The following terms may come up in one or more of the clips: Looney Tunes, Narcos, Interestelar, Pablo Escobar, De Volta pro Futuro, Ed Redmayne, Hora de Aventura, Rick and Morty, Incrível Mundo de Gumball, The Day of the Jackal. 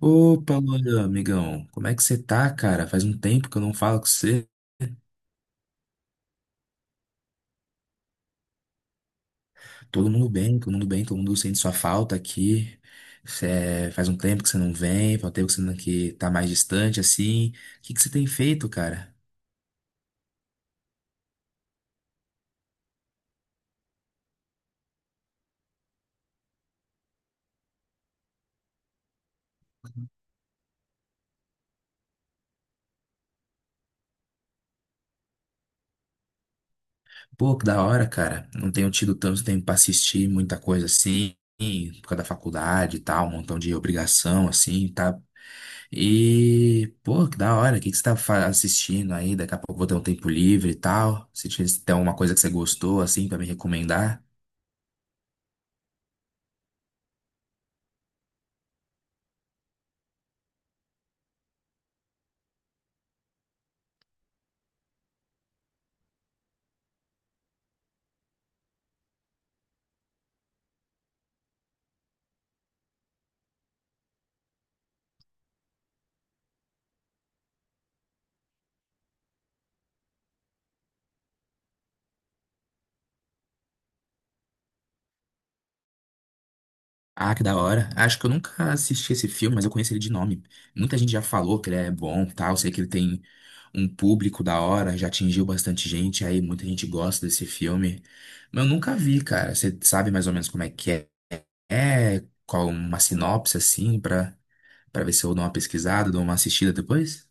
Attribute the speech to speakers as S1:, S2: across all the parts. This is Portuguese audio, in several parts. S1: Opa, Luan, amigão, como é que você tá, cara? Faz um tempo que eu não falo com você. Todo mundo bem, todo mundo bem, todo mundo sente sua falta aqui. Faz um tempo que você não vem, faz um tempo que você não, que tá mais distante, assim. O que que você tem feito, cara? Pô, que da hora, cara. Não tenho tido tanto tempo pra assistir muita coisa assim, por causa da faculdade e tal, um montão de obrigação, assim, tá. E, pô, que da hora, o que que você tá assistindo aí? Daqui a pouco eu vou ter um tempo livre e tal. Se tem alguma coisa que você gostou, assim, pra me recomendar. Ah, que da hora. Acho que eu nunca assisti esse filme, mas eu conheci ele de nome. Muita gente já falou que ele é bom, e tal. Sei que ele tem um público da hora, já atingiu bastante gente, aí muita gente gosta desse filme. Mas eu nunca vi, cara. Você sabe mais ou menos como é que é? É, qual uma sinopse, assim, pra, pra ver se eu dou uma pesquisada, dou uma assistida depois?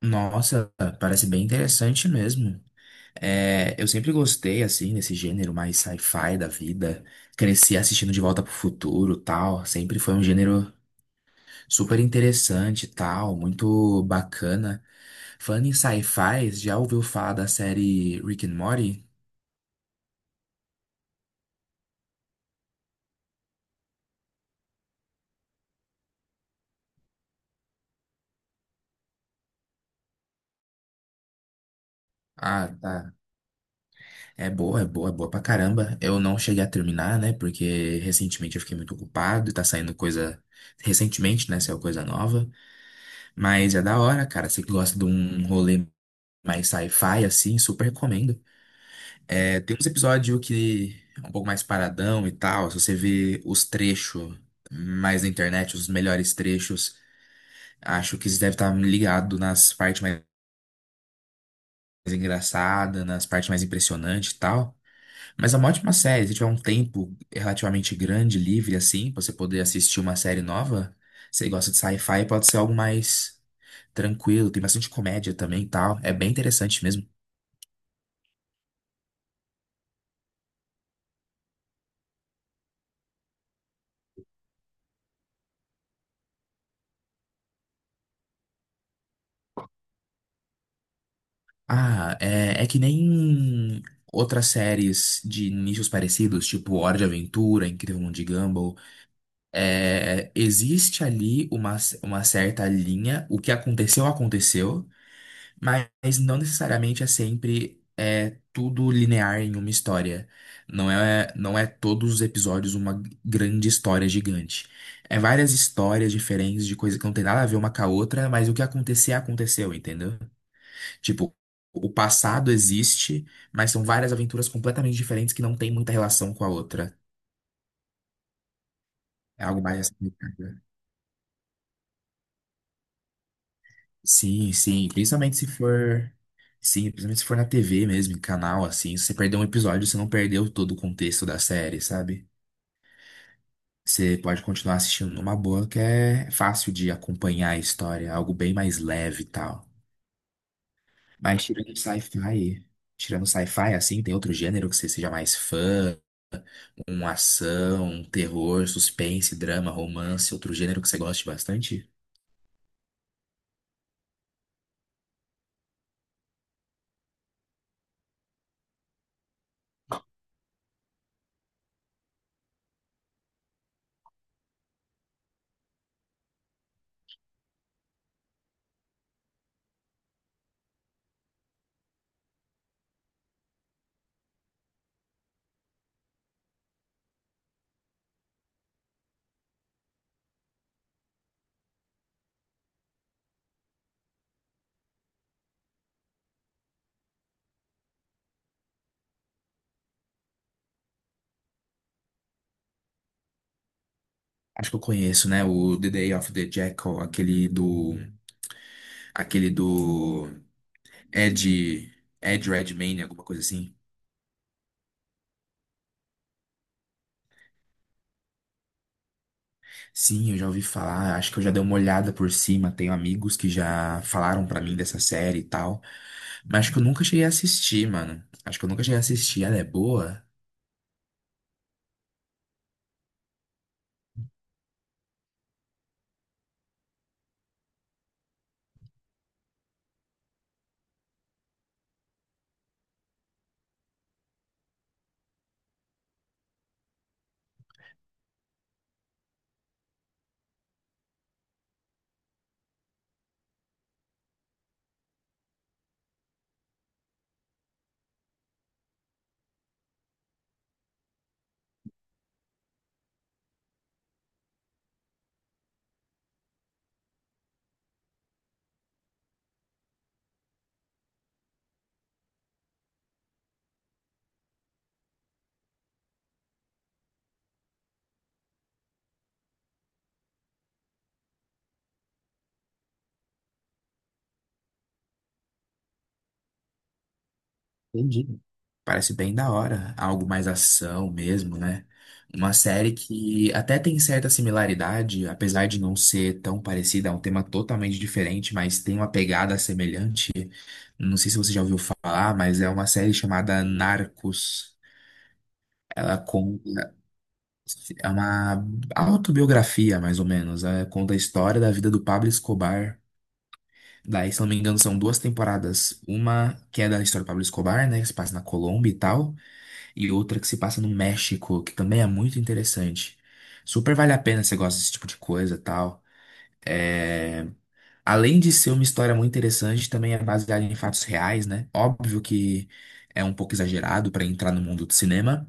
S1: Nossa, parece bem interessante mesmo. É, eu sempre gostei, assim, desse gênero mais sci-fi da vida. Cresci assistindo De Volta pro Futuro, tal. Sempre foi um gênero super interessante, tal, muito bacana. Falando em sci-fi, já ouviu falar da série Rick and Morty? Ah, tá. É boa, é boa, é boa pra caramba. Eu não cheguei a terminar, né? Porque recentemente eu fiquei muito ocupado e tá saindo coisa. Recentemente, né? Saiu coisa nova. Mas é da hora, cara. Você que gosta de um rolê mais sci-fi, assim, super recomendo. É, tem uns episódios que é um pouco mais paradão e tal. Se você vê os trechos mais na internet, os melhores trechos, acho que você deve estar ligado nas partes mais engraçadas, nas partes mais impressionantes e tal. Mas é uma ótima série. Se tiver um tempo relativamente grande, livre, assim, pra você poder assistir uma série nova, você gosta de sci-fi, pode ser algo mais tranquilo. Tem bastante comédia também e tal. É bem interessante mesmo. Ah, é, é que nem outras séries de nichos parecidos, tipo Hora de Aventura, Incrível Mundo de Gumball. É, existe ali uma certa linha, o que aconteceu, aconteceu, mas não necessariamente tudo linear em uma história. Não é todos os episódios uma grande história gigante. É várias histórias diferentes de coisas que não tem nada a ver uma com a outra, mas o que acontecer, aconteceu, entendeu? Tipo, o passado existe, mas são várias aventuras completamente diferentes que não tem muita relação com a outra. É algo mais assim, cara. Sim, sim. Principalmente se for. Sim, principalmente se for na TV mesmo, em canal, assim. Se você perder um episódio, você não perdeu todo o contexto da série, sabe? Você pode continuar assistindo numa boa, que é fácil de acompanhar a história, é algo bem mais leve e tal. Mas tirando sci-fi, assim, tem outro gênero que você seja mais fã? Uma ação, um terror, suspense, drama, romance, outro gênero que você goste bastante? Acho que eu conheço, né? O The Day of the Jackal, aquele do. Aquele do. Ed. Ed Redmayne, alguma coisa assim. Sim, eu já ouvi falar, acho que eu já dei uma olhada por cima. Tenho amigos que já falaram pra mim dessa série e tal. Mas acho que eu nunca cheguei a assistir, mano. Acho que eu nunca cheguei a assistir. Ela é boa? Entendi. Parece bem da hora, algo mais ação mesmo, né? Uma série que até tem certa similaridade, apesar de não ser tão parecida, é um tema totalmente diferente, mas tem uma pegada semelhante. Não sei se você já ouviu falar, mas é uma série chamada Narcos. Ela conta, é uma autobiografia, mais ou menos. Ela conta a história da vida do Pablo Escobar. Daí, se não me engano, são duas temporadas. Uma que é da história do Pablo Escobar, né? Que se passa na Colômbia e tal. E outra que se passa no México, que também é muito interessante. Super vale a pena se você gosta desse tipo de coisa e tal. É, além de ser uma história muito interessante, também é baseada em fatos reais, né? Óbvio que é um pouco exagerado para entrar no mundo do cinema,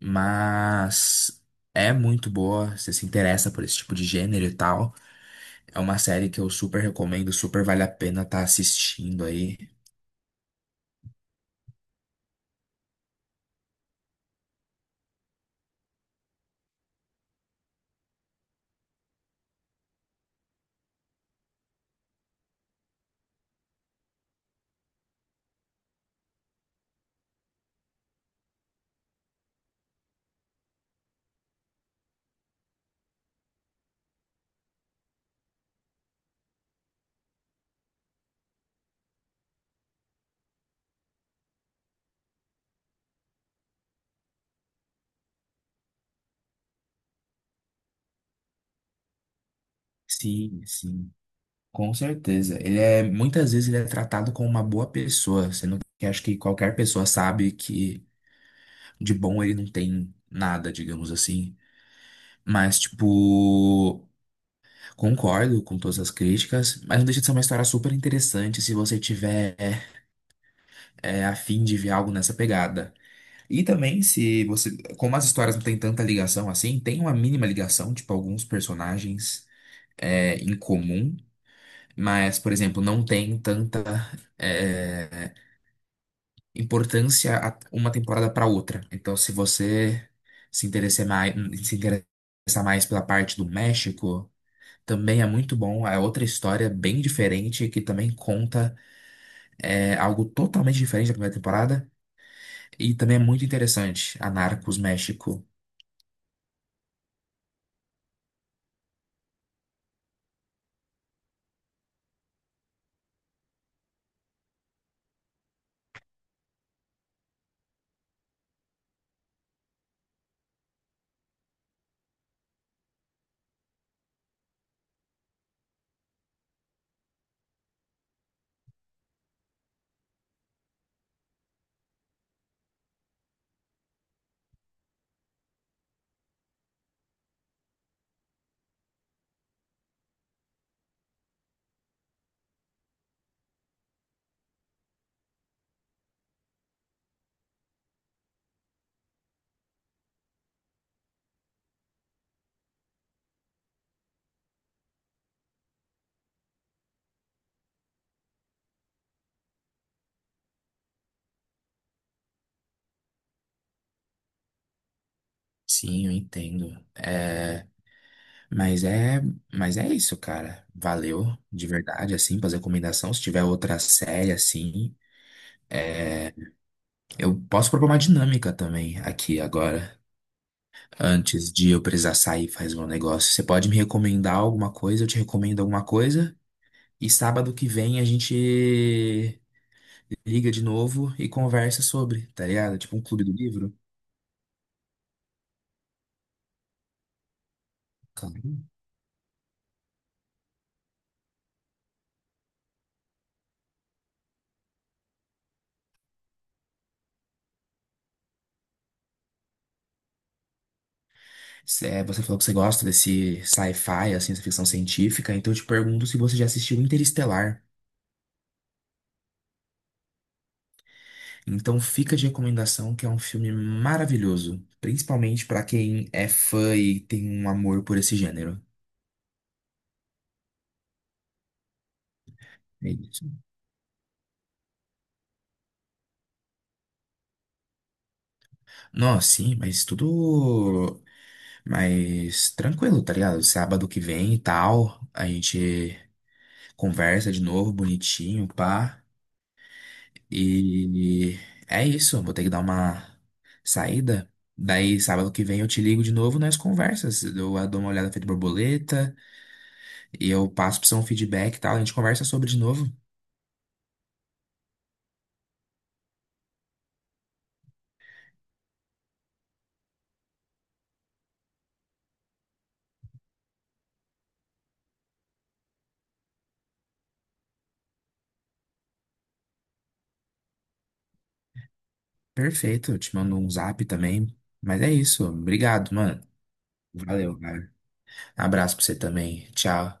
S1: mas é muito boa. Se você se interessa por esse tipo de gênero e tal, é uma série que eu super recomendo, super vale a pena estar assistindo aí. Sim, sim. Com certeza. Ele é, muitas vezes ele é tratado como uma boa pessoa, sendo que acho que qualquer pessoa sabe que de bom ele não tem nada, digamos assim. Mas, tipo, concordo com todas as críticas, mas não deixa de ser uma história super interessante se você tiver a fim de ver algo nessa pegada. E também, se você, como as histórias não têm tanta ligação assim, tem uma mínima ligação, tipo, alguns personagens em comum, mas, por exemplo, não tem tanta é, importância uma temporada para outra. Então, se você se interessar mais, se interessar mais pela parte do México, também é muito bom. É outra história bem diferente que também conta algo totalmente diferente da primeira temporada. E também é muito interessante. A Narcos México. Sim, eu entendo. É, mas é, mas é isso, cara. Valeu de verdade, assim, fazer recomendação. Se tiver outra série, assim, eu posso propor uma dinâmica também aqui agora, antes de eu precisar sair fazer um negócio. Você pode me recomendar alguma coisa, eu te recomendo alguma coisa. E sábado que vem a gente liga de novo e conversa sobre, tá ligado? Tipo um clube do livro. Claro. Você falou que você gosta desse sci-fi, assim, essa ficção científica, então eu te pergunto se você já assistiu Interestelar. Então fica de recomendação que é um filme maravilhoso, principalmente pra quem é fã e tem um amor por esse gênero. É isso. Nossa, sim, mas tudo. Mas tranquilo, tá ligado? Sábado que vem e tal, a gente conversa de novo, bonitinho, pá. E é isso, vou ter que dar uma saída. Daí, sábado que vem eu te ligo de novo, nós conversas. Eu dou uma olhada feita borboleta e eu passo pra você um feedback e tal. A gente conversa sobre de novo. Perfeito, eu te mando um zap também. Mas é isso, obrigado, mano. Valeu, cara. Abraço pra você também. Tchau.